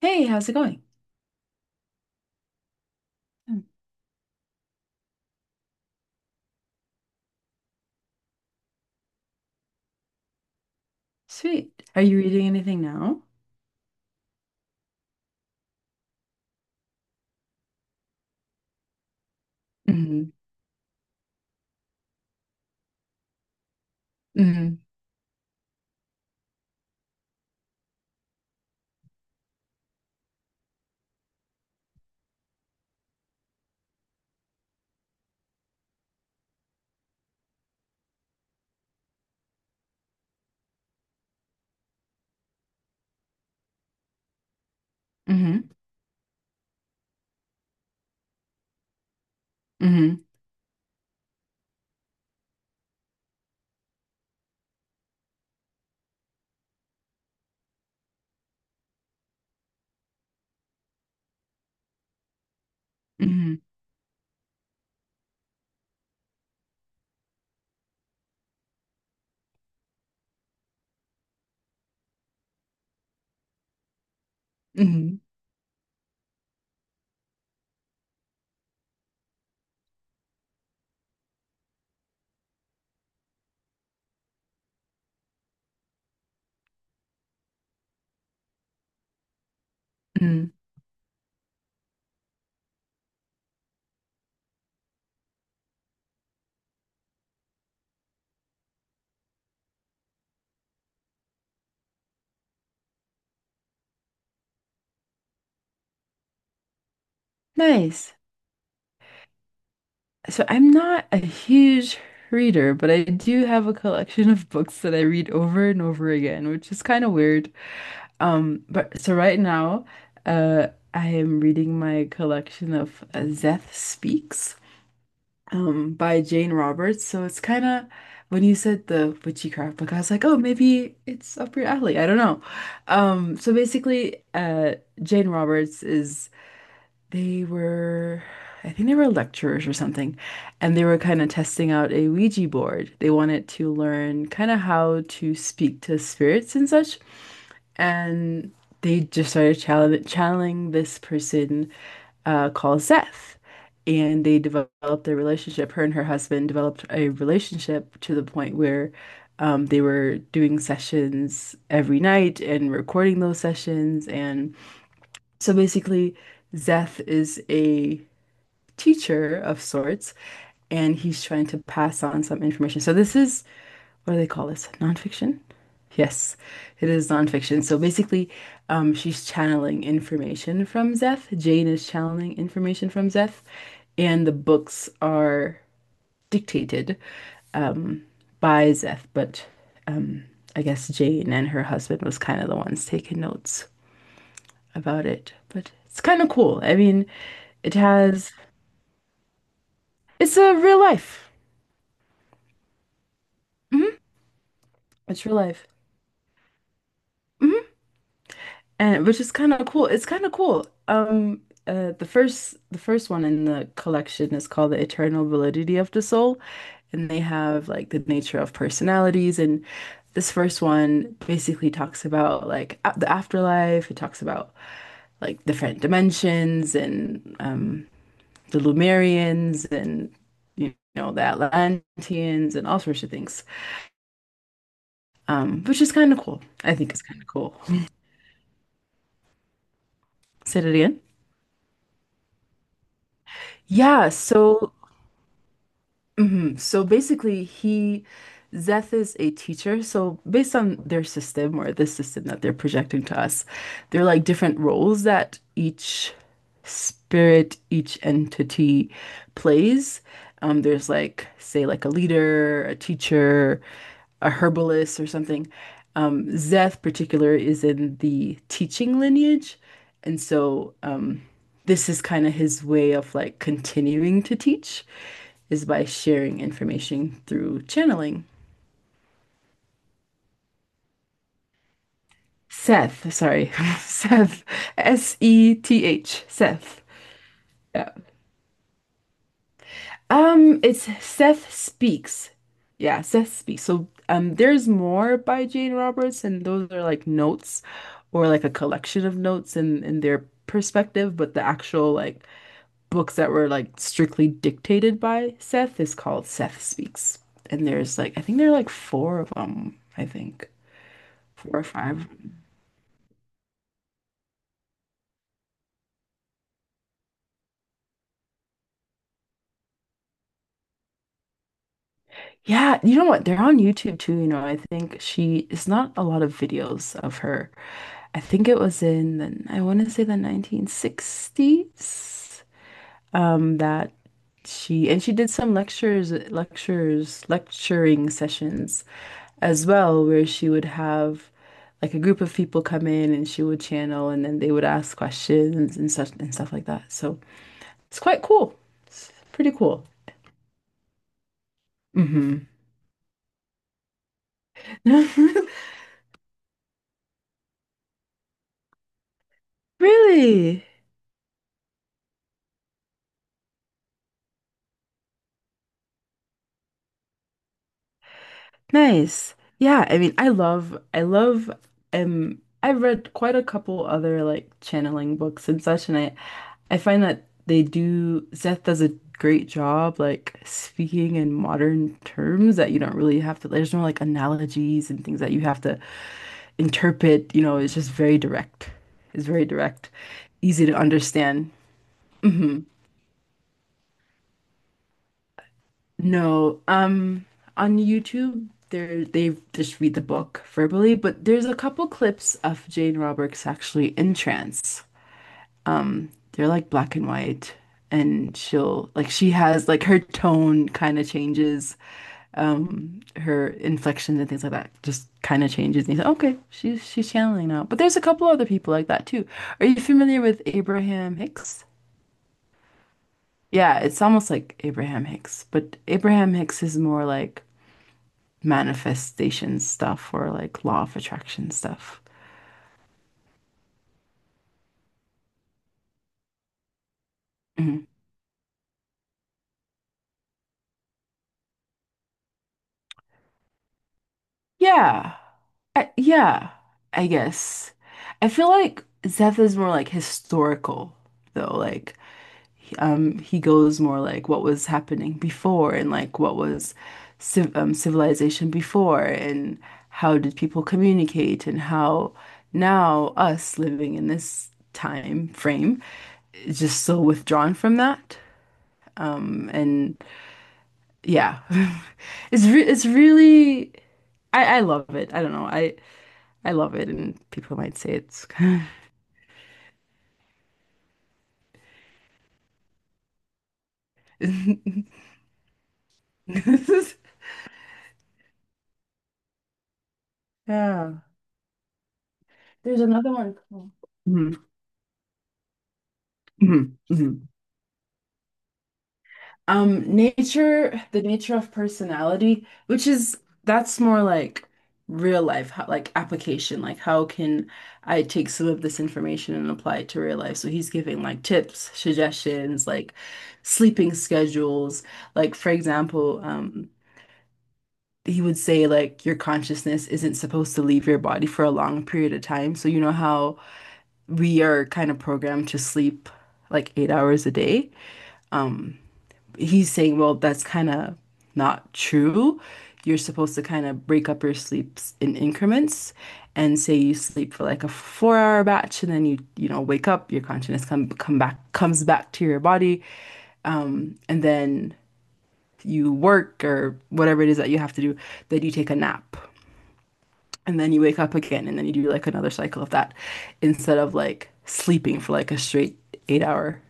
Hey, how's it going? Hmm. Sweet. Are you reading anything now? Mm-hmm. Mm-hmm. Mm-hmm. Mm-hmm. Mm-hmm. Mm-hmm. Mm-hmm. Nice. So I'm not a huge reader, but I do have a collection of books that I read over and over again, which is kind of weird. But so right now, I am reading my collection of Zeth Speaks, by Jane Roberts. So it's kind of when you said the witchcraft book, I was like, oh, maybe it's up your alley. I don't know. So basically, Jane Roberts is they were, I think they were lecturers or something, and they were kind of testing out a Ouija board. They wanted to learn kind of how to speak to spirits and such, and they just started challenge channeling this person, called Seth. And they developed a relationship. Her and her husband developed a relationship to the point where they were doing sessions every night and recording those sessions. And so basically, Seth is a teacher of sorts, and he's trying to pass on some information. So this is, what do they call this? Nonfiction? Yes, it is nonfiction. So basically, she's channeling information from Zeth. Jane is channeling information from Zeth, and the books are dictated um, by Zeth. But um, I guess Jane and her husband was kind of the ones taking notes about it. But it's kind of cool. I mean, it has, it's a real life. It's real life. And which is kind of cool. It's kind of cool. The first one in the collection is called The Eternal Validity of the Soul, and they have like the nature of personalities. And this first one basically talks about like a the afterlife. It talks about like different dimensions and the Lumerians and the Atlanteans and all sorts of things. Which is kind of cool. I think it's kind of cool. Say it again. Yeah. so Mhm. So basically, he Zeth is a teacher. So based on their system or the system that they're projecting to us, there are like different roles that each spirit, each entity plays. There's like, say, like a leader, a teacher, a herbalist, or something. Zeth particular is in the teaching lineage, and so this is kind of his way of like continuing to teach is by sharing information through channeling. Seth, sorry, Seth, Seth, Seth. Yeah. It's Seth Speaks. Yeah, Seth Speaks. So there's more by Jane Roberts, and those are like notes or like a collection of notes and in their perspective, but the actual like books that were like strictly dictated by Seth is called Seth Speaks. And there's like, I think there are like four of them, I think, four or five. Yeah, you know what? They're on YouTube too. You know, I think she It's not a lot of videos of her. I think it was in the, I want to say the 1960s, that she did some lecturing sessions as well, where she would have like a group of people come in and she would channel and then they would ask questions and such and stuff like that. So it's quite cool. It's pretty cool. Hmm. Really? Nice. Yeah, I mean, I love, I've read quite a couple other like channeling books and such, and I find that Seth does a great job like speaking in modern terms that you don't really have to, there's no like analogies and things that you have to interpret, it's just very direct. It's very direct, easy to understand. No, on YouTube, there they just read the book verbally, but there's a couple clips of Jane Roberts actually in trance. They're like black and white, and she has like her tone kind of changes, her inflections and things like that just kind of changes. And you say, okay, she's channeling now. But there's a couple other people like that too. Are you familiar with Abraham Hicks? Yeah, it's almost like Abraham Hicks, but Abraham Hicks is more like manifestation stuff or like law of attraction stuff. Mhm. Yeah. Yeah, I guess. I feel like Zeth is more like historical though. Like he goes more like what was happening before and like what was civilization before and how did people communicate and how now us living in this time frame is just so withdrawn from that. And yeah. It's really. I love it. I don't know. I love it and people might say it's kind of. Yeah. There's another one called. Mhm. Mhm. Mhm. The nature of personality, which is that's more like real life, how, like application, like how can I take some of this information and apply it to real life? So he's giving like tips, suggestions, like sleeping schedules. Like for example, he would say like your consciousness isn't supposed to leave your body for a long period of time. So you know how we are kind of programmed to sleep like 8 hours a day. Um, he's saying, well, that's kind of not true. You're supposed to kind of break up your sleeps in increments and say you sleep for like a 4 hour batch and then you, wake up, your consciousness comes back to your body, and then you work or whatever it is that you have to do, then you take a nap. And then you wake up again and then you do like another cycle of that instead of like sleeping for like a straight 8 hour.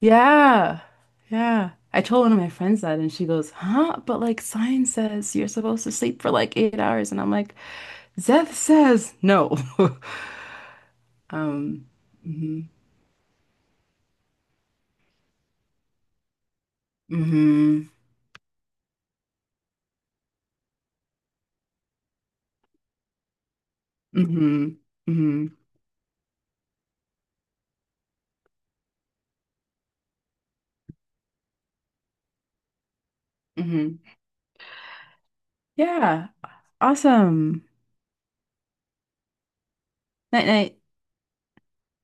Yeah. Yeah. I told one of my friends that and she goes, "Huh? But like science says you're supposed to sleep for like 8 hours." And I'm like, "Zeth says no." Um, hmm. Hmm. Hmm. Hmm. Hmm. Yeah. Awesome. Night night.